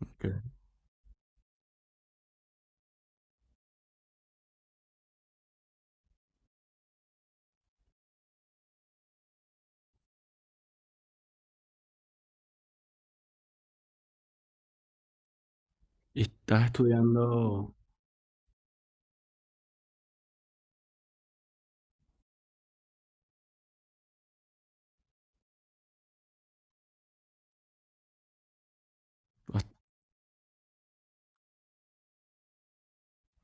Ok. ¿Y estás estudiando? bast-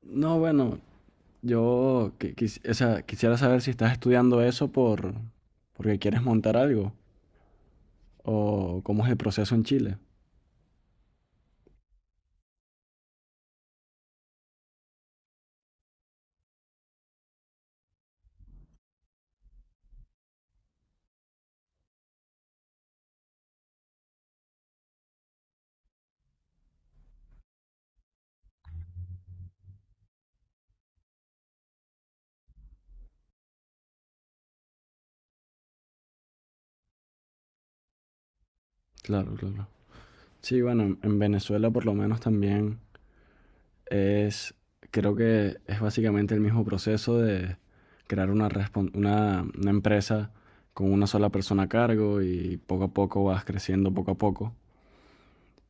No, bueno, yo quisiera saber si estás estudiando eso porque quieres montar algo o cómo es el proceso en Chile. Claro, claro. Sí, bueno, en Venezuela por lo menos también es, creo que es básicamente el mismo proceso de crear una, una empresa con una sola persona a cargo y poco a poco vas creciendo poco a poco.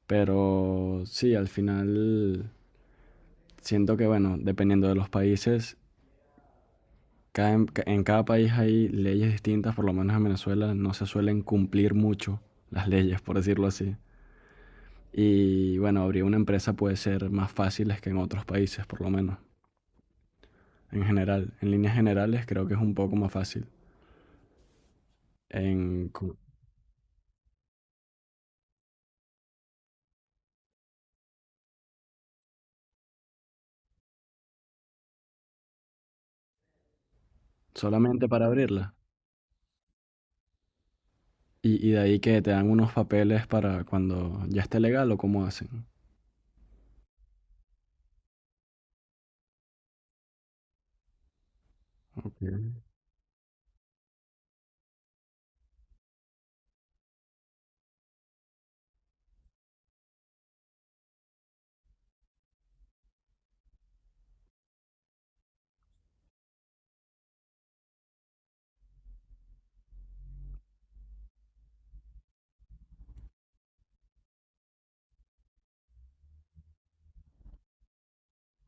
Pero sí, al final. Siento que, bueno, dependiendo de los países, en cada país hay leyes distintas. Por lo menos en Venezuela no se suelen cumplir mucho las leyes, por decirlo así. Y bueno, abrir una empresa puede ser más fácil que en otros países, por lo menos. En general, en líneas generales creo que es un poco más fácil. En, cu- Solamente para abrirla. Y de ahí, ¿que te dan unos papeles para cuando ya esté legal o cómo hacen? Ok.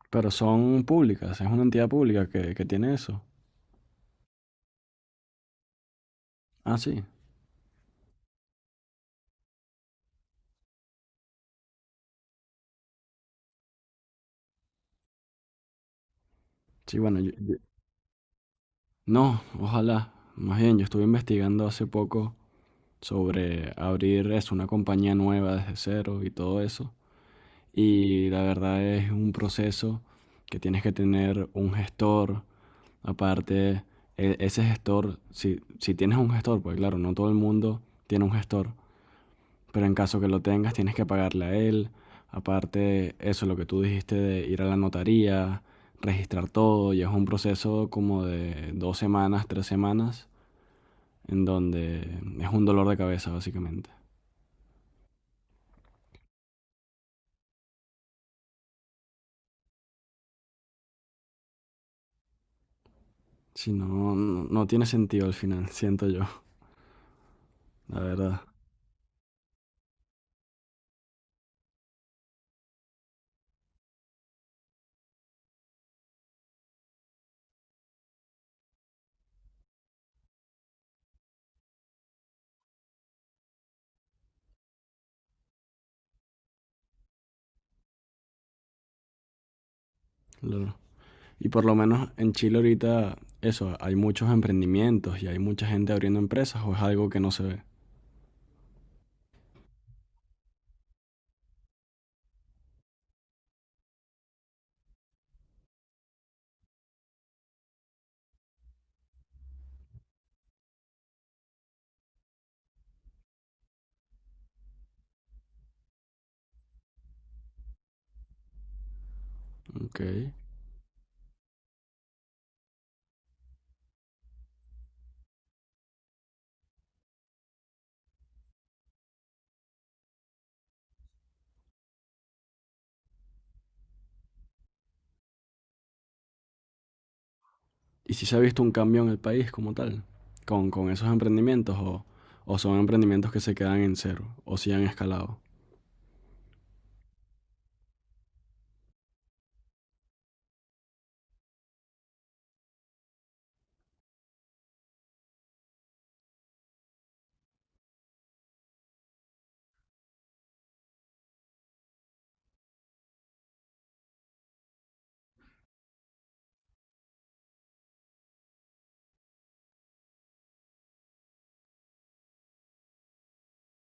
Pero ¿son públicas? ¿Es una entidad pública que tiene eso? Ah, sí. Sí, bueno, yo, no, ojalá. Más bien, yo estuve investigando hace poco sobre abrir eso, una compañía nueva desde cero y todo eso. Y la verdad es un proceso que tienes que tener un gestor. Aparte, ese gestor, si tienes un gestor, pues claro, no todo el mundo tiene un gestor, pero en caso que lo tengas, tienes que pagarle a él. Aparte, eso, lo que tú dijiste de ir a la notaría, registrar todo, y es un proceso como de 2 semanas, 3 semanas, en donde es un dolor de cabeza, básicamente. Si no, no tiene sentido al final, siento yo, la verdad. Y por lo menos en Chile ahorita, eso, ¿hay muchos emprendimientos y hay mucha gente abriendo empresas o es algo que no se ve? Okay. ¿Y si se ha visto un cambio en el país como tal? Con esos emprendimientos o son emprendimientos que se quedan en cero o si han escalado?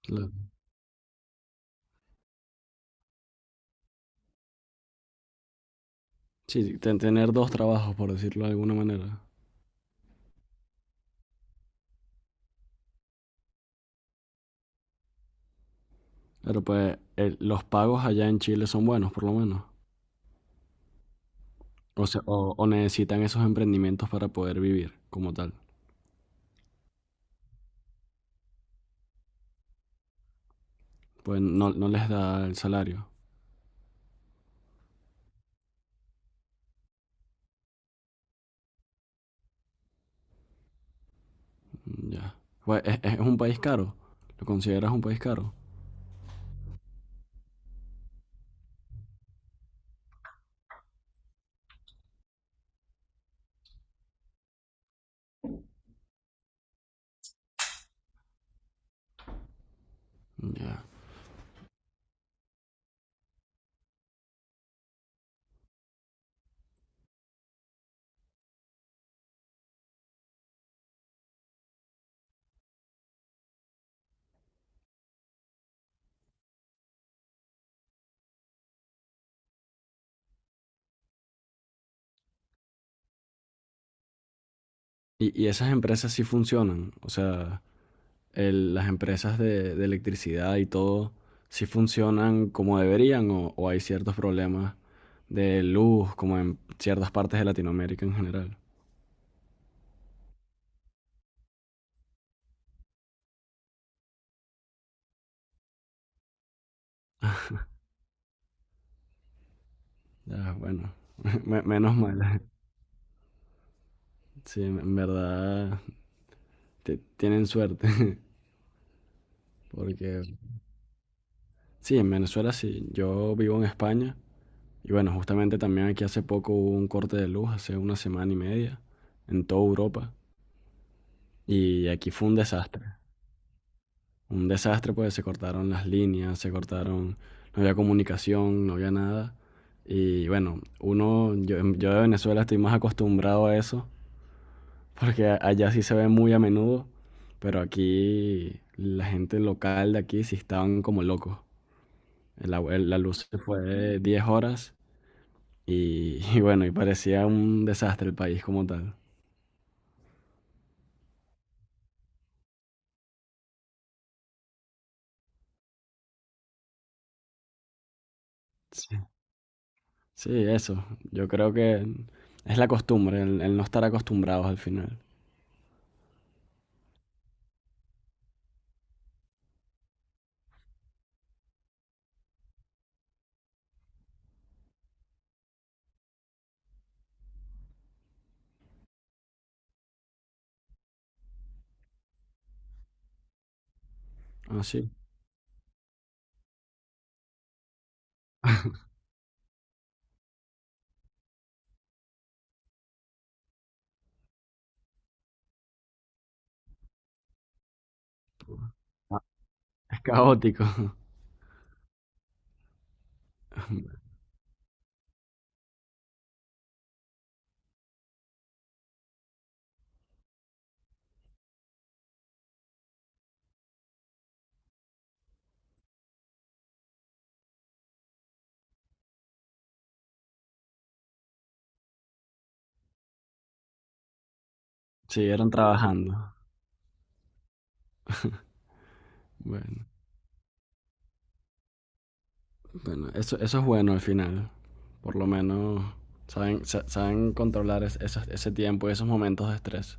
Claro. Sí, tener dos trabajos, por decirlo de alguna manera. Pero pues los pagos allá en Chile son buenos, por lo menos. O sea, o necesitan esos emprendimientos para poder vivir como tal. Pues no, no les da el salario. Mm, ya. Pues es un país caro. ¿Lo consideras un país caro? Mm, ya. Y esas empresas sí funcionan. O sea, las empresas de electricidad y todo, ¿sí funcionan como deberían o hay ciertos problemas de luz como en ciertas partes de Latinoamérica en general? Ya, bueno. Menos mal. Sí, en verdad tienen suerte. Porque sí, en Venezuela sí. Yo vivo en España y bueno, justamente también aquí hace poco hubo un corte de luz, hace una semana y media, en toda Europa. Y aquí fue un desastre. Un desastre porque se cortaron las líneas, se cortaron, no había comunicación, no había nada. Y bueno, uno, yo de Venezuela estoy más acostumbrado a eso, porque allá sí se ve muy a menudo, pero aquí la gente local de aquí sí estaban como locos. La luz se fue 10 horas. Y, y bueno, y parecía un desastre el país como tal. Sí, sí, eso. Yo creo que es la costumbre, el no estar acostumbrados al final. Ah, sí. Ah, es caótico. Siguieron trabajando. Bueno, bueno, eso es bueno al final. Por lo menos saben, saben controlar ese tiempo y esos momentos de estrés.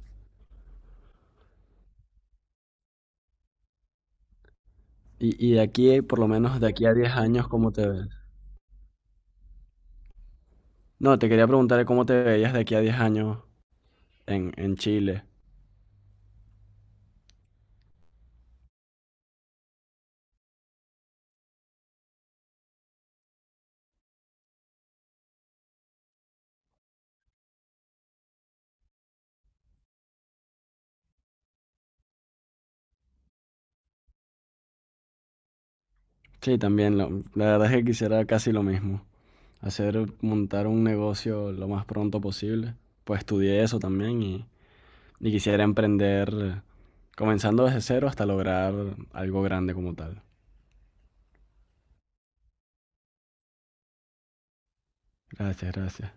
Y de aquí, por lo menos, de aquí a 10 años, ¿cómo te ves? No, te quería preguntar cómo te veías de aquí a 10 años en Chile. Sí, también. La verdad es que quisiera casi lo mismo. Hacer, montar un negocio lo más pronto posible. Pues estudié eso también y quisiera emprender comenzando desde cero hasta lograr algo grande como tal. Gracias, gracias.